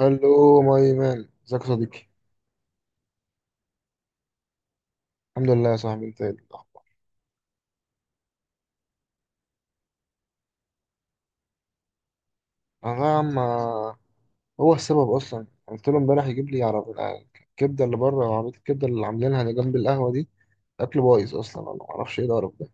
الو ماي مان، ازيك يا صديقي. الحمد لله يا صاحبي، انت ايه الاخبار؟ انا يا عم هو السبب اصلا قلت له امبارح يجيب لي عربية الكبده اللي بره، عربيه الكبده اللي عاملينها اللي جنب القهوه دي. اكل بايظ اصلا، انا ما اعرفش ايه القرف ده.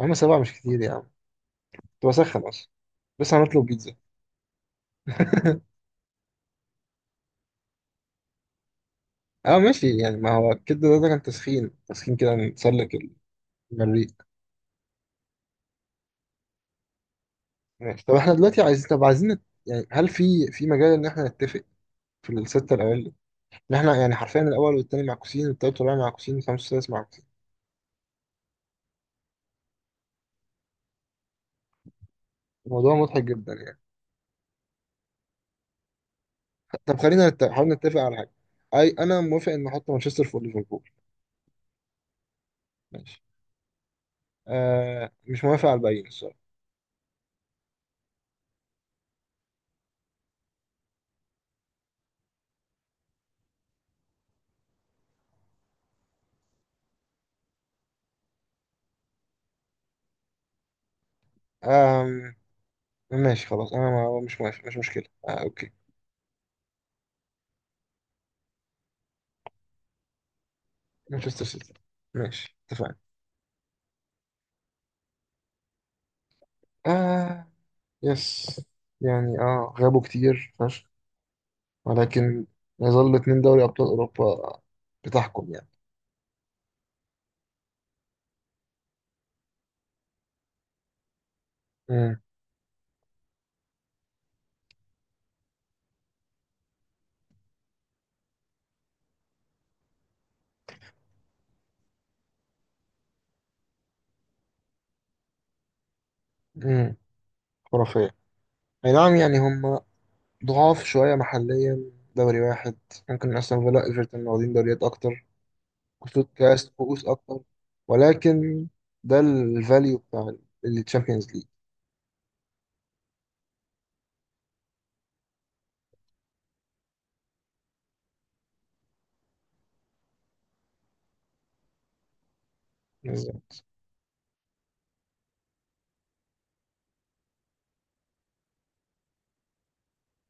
يا عم سبعه مش كتير يا عم، كنت بسخن اصلا. لسه هنطلب بيتزا. اه ماشي يعني، ما هو الكبده ده، ده كان تسخين تسخين كده نتسلك المريء. ماشي، طب احنا دلوقتي عايزين، طب عايزين يعني هل في مجال ان احنا نتفق في السته الاوائل، إن احنا يعني حرفيا الاول والتاني معكوسين، والتالت والرابع معكوسين، والخامس والسادس معكوسين. الموضوع مضحك جدا يعني. طب خلينا حاول نتفق على حاجه. اي انا موافق ان احط مانشستر فوق ليفربول. ماشي. آه مش موافق على الباقيين الصراحه. آه ماشي خلاص، انا ما... مش موافق، مش مشكله. آه اوكي. مانشستر سيتي. ماشي اتفقنا. آه يس. يعني اه غابوا كتير فشخ، ولكن يظل اتنين دوري ابطال اوروبا بتحكم يعني. امم. امم. خرافيه. اي نعم، يعني هم ضعاف شوية محليا، دوري واحد. ممكن أستون فيلا إيفرتون واخدين دوريات أكتر، كسوة كاس، كؤوس أكتر. ولكن ده الفاليو بتاع الشامبيونز ليج.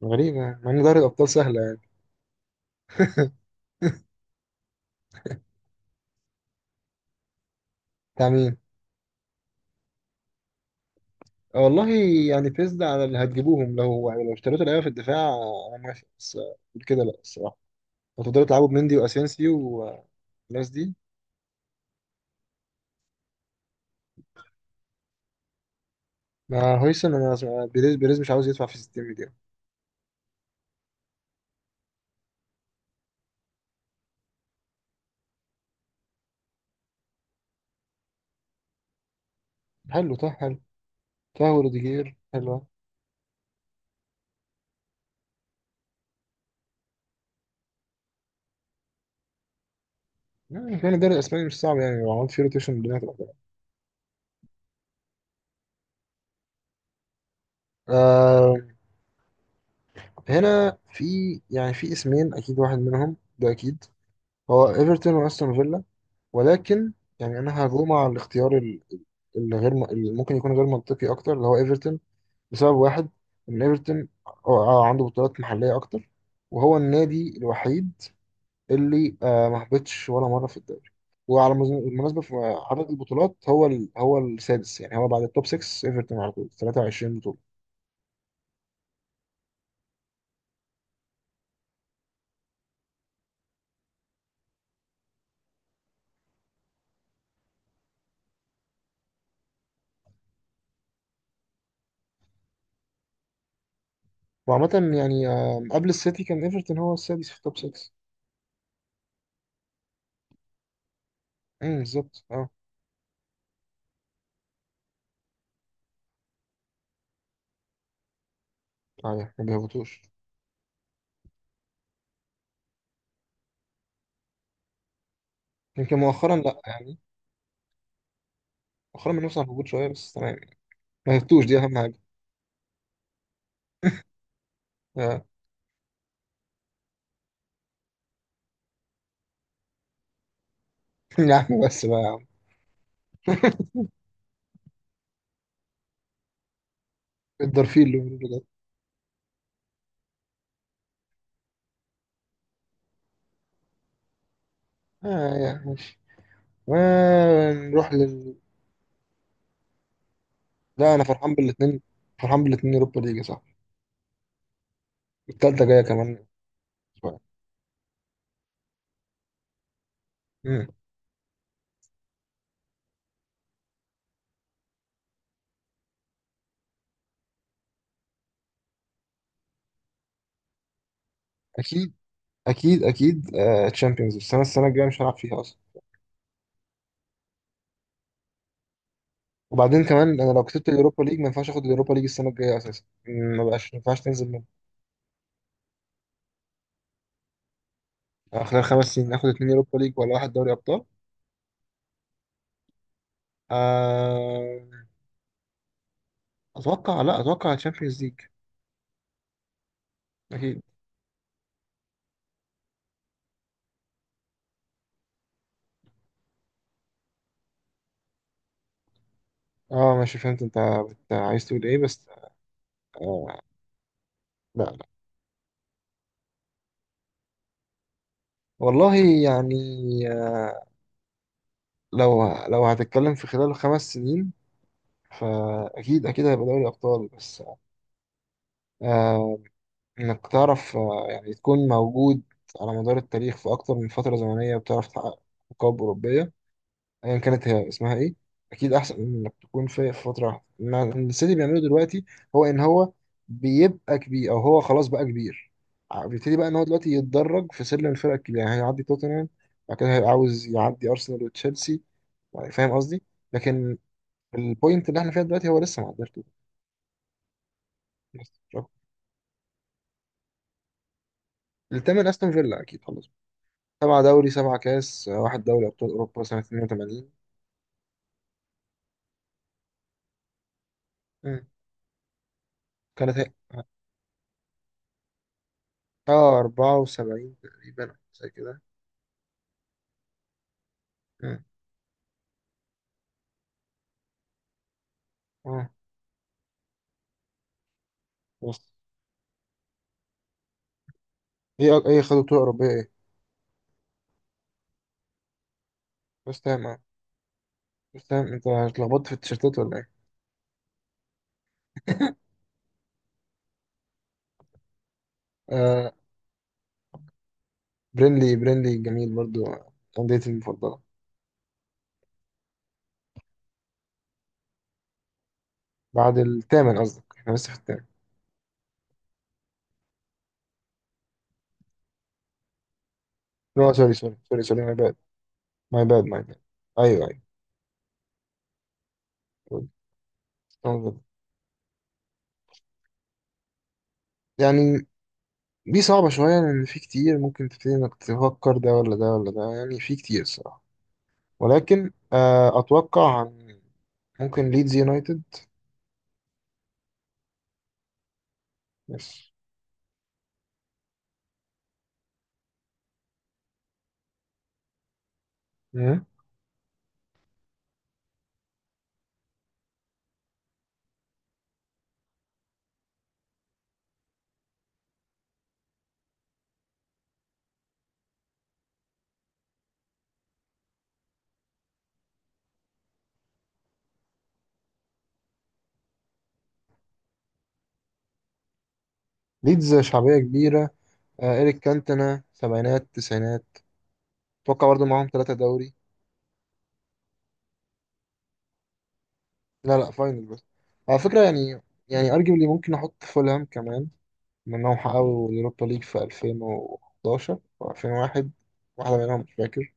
غريبة، مع إن دوري الأبطال سهلة يعني. بتاع مين؟ آه والله. يعني بيس ده على اللي هتجيبوهم، لو يعني لو اشتريتوا لعيبة في الدفاع آه، أنا ماشي، بس آه، غير كده لأ الصراحة. لو تقدروا تلعبوا بمندي وأسينسيو والناس دي. ما هويسن أنا بيريز مش عاوز يدفع في 60 مليون. حلو طه، حلو طه وروديجير حلو. يعني كان الدوري الاسباني مش صعب يعني، لو عملت فيه روتيشن الدنيا هتبقى تمام. آه هنا في يعني في اسمين اكيد، واحد منهم ده اكيد هو ايفرتون واستون فيلا. ولكن يعني انا هجوم على الاختيار اللي غير م- اللي ممكن يكون غير منطقي اكتر، اللي هو ايفرتون. لسبب واحد، ان ايفرتون آه، عنده بطولات محليه اكتر، وهو النادي الوحيد اللي آه ما هبطش ولا مره في الدوري. وعلى بالمناسبه في عدد البطولات هو هو السادس، يعني هو بعد التوب 6. ايفرتون على طول 23. وعامة يعني آم، قبل السيتي كان ايفرتون هو السادس في التوب 6. بالظبط اه. يعني ما بيهبطوش. يمكن مؤخرا لا يعني. مؤخرا بنفس على الهبوط شوية، بس تمام يعني. ما يهبطوش دي أهم حاجة. آه. يا عم بس بقى يا عم، الدرفيل اللي بنقوله ده. اه يعني ماشي. ونروح لل. لا أنا فرحان بالاتنين، فرحان بالاتنين يوروبا ليج يا صاحبي. التالتة جاية كمان شوية. امم. أكيد أكيد أكيد آه، تشامبيونز السنة الجاية مش هلعب فيها. وبعدين كمان انا لو كسبت اليوروبا ليج ما ينفعش اخد اليوروبا ليج السنه الجايه اساسا. ما بقاش ما ينفعش تنزل منه. آه، خلال خمس سنين اخد اتنين يوروبا ليج ولا واحد دوري ابطال؟ آه، اتوقع لا، اتوقع تشامبيونز ليج اكيد. اه ماشي فهمت انت، عايز تقول ايه بس. آه. لا لا. والله، يعني آه، لو هتتكلم في خلال خمس سنين، فاكيد اكيد هيبقى دوري ابطال بس. آه، انك تعرف آه، يعني تكون موجود على مدار التاريخ في اكتر من فترة زمنية، وبتعرف تحقق ألقاب أوروبية أيا كانت هي اسمها إيه، أكيد أحسن من إنك تكون في في فترة واحدة. إنما السيتي اللي بيعمله دلوقتي هو إن هو بيبقى كبير، أو هو خلاص بقى كبير. بيبتدي بقى إن هو دلوقتي يتدرج في سلم الفرق الكبيرة، يعني هيعدي توتنهام، بعد كده هيبقى عاوز يعدي أرسنال وتشيلسي. يعني فاهم قصدي؟ لكن البوينت اللي إحنا فيها دلوقتي هو لسه ما عداش توتنهام بس، مش أكتر. التامن أستون فيلا أكيد خلاص، سبعة دوري، سبعة كاس، واحد دوري أبطال أوروبا سنة 82. مم. كانت هي اه 74 تقريبا زي كده. مم. اه بس، ايه ايه خدوا بطولة أوروبية ايه؟ بس تمام اه. بس تمام، انت اتلخبطت في التيشيرتات ولا ايه؟ آه. برينلي برينلي جميل برضو، أنديتي المفضلة. بعد الثامن قصدك؟ احنا لسه في الثامن. لا سوري سوري سوري سوري ماي باد ماي باد ماي باد. ايوه ايوه. أوه. يعني دي صعبة شوية، لأن في كتير ممكن تبتدي إنك تفكر ده ولا ده ولا ده، يعني في كتير الصراحة. ولكن آه، أتوقع ممكن ليدز يونايتد بس. مم. ليدز شعبية كبيرة. آه، إيريك كانتنا سبعينات تسعينات. أتوقع برضه معاهم ثلاثة دوري. لا لا فاينل بس، على فكرة يعني. يعني أرجبلي ممكن أحط فولهام كمان، منهم حققوا اليوروبا ليج في 2011 أو 2001، واحدة منهم مش فاكر.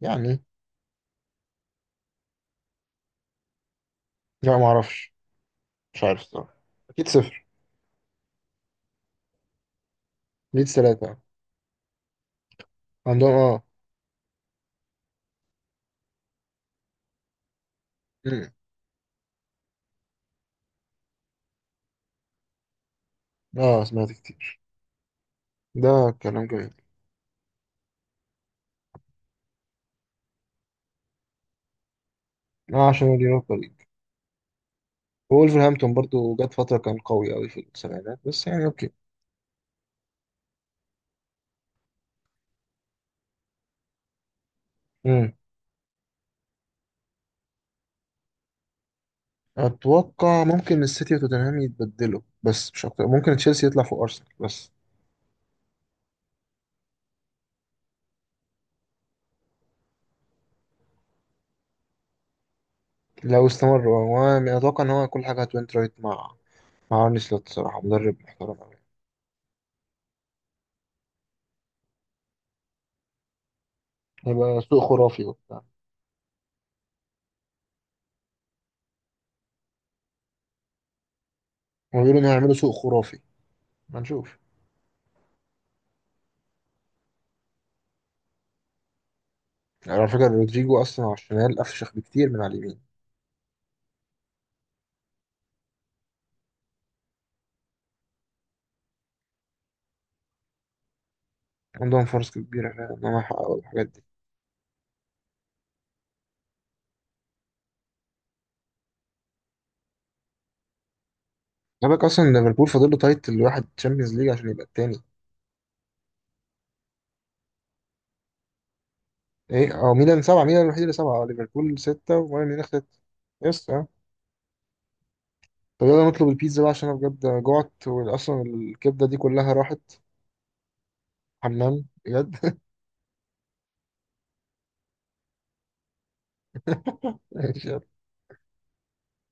يعني لا معرفش، مش عارف الصراحة، أكيد صفر. ليدز ثلاثة. عندهم آه. مم. آه سمعت كتير ده. كلام جميل. آه عشان اليوروبا ليج. وولفرهامبتون برضو جت فترة كان قوي أوي في السبعينات، بس يعني أوكي. مم. أتوقع ممكن السيتي وتوتنهام يتبدلوا، بس مش أكتر، ممكن تشيلسي يطلع فوق أرسنال بس. لو استمر هو، أنا أتوقع إن هو كل حاجة هتوينت رايت مع مع أرني سلوت، صراحة مدرب محترم أوي. هيبقى سوق خرافي وبتاع. هما بيقولوا إن هيعملوا سوق خرافي، ما نشوف. يعني على فكرة رودريجو أصلا على الشمال أفشخ بكتير من على اليمين. عندهم فرص كبيرة فعلا إن هم يحققوا الحاجات دي. خلي بالك أصلا ليفربول فاضل له تايتل واحد تشامبيونز ليج عشان يبقى التاني. ايه اه ميلان سبعة، ميلان الوحيد اللي سبعة اه. ليفربول ستة وبايرن ميونخ ستة. يس اه. طب يلا نطلب البيتزا بقى، عشان انا بجد جوعت، واصلا الكبدة دي كلها راحت حمام بجد.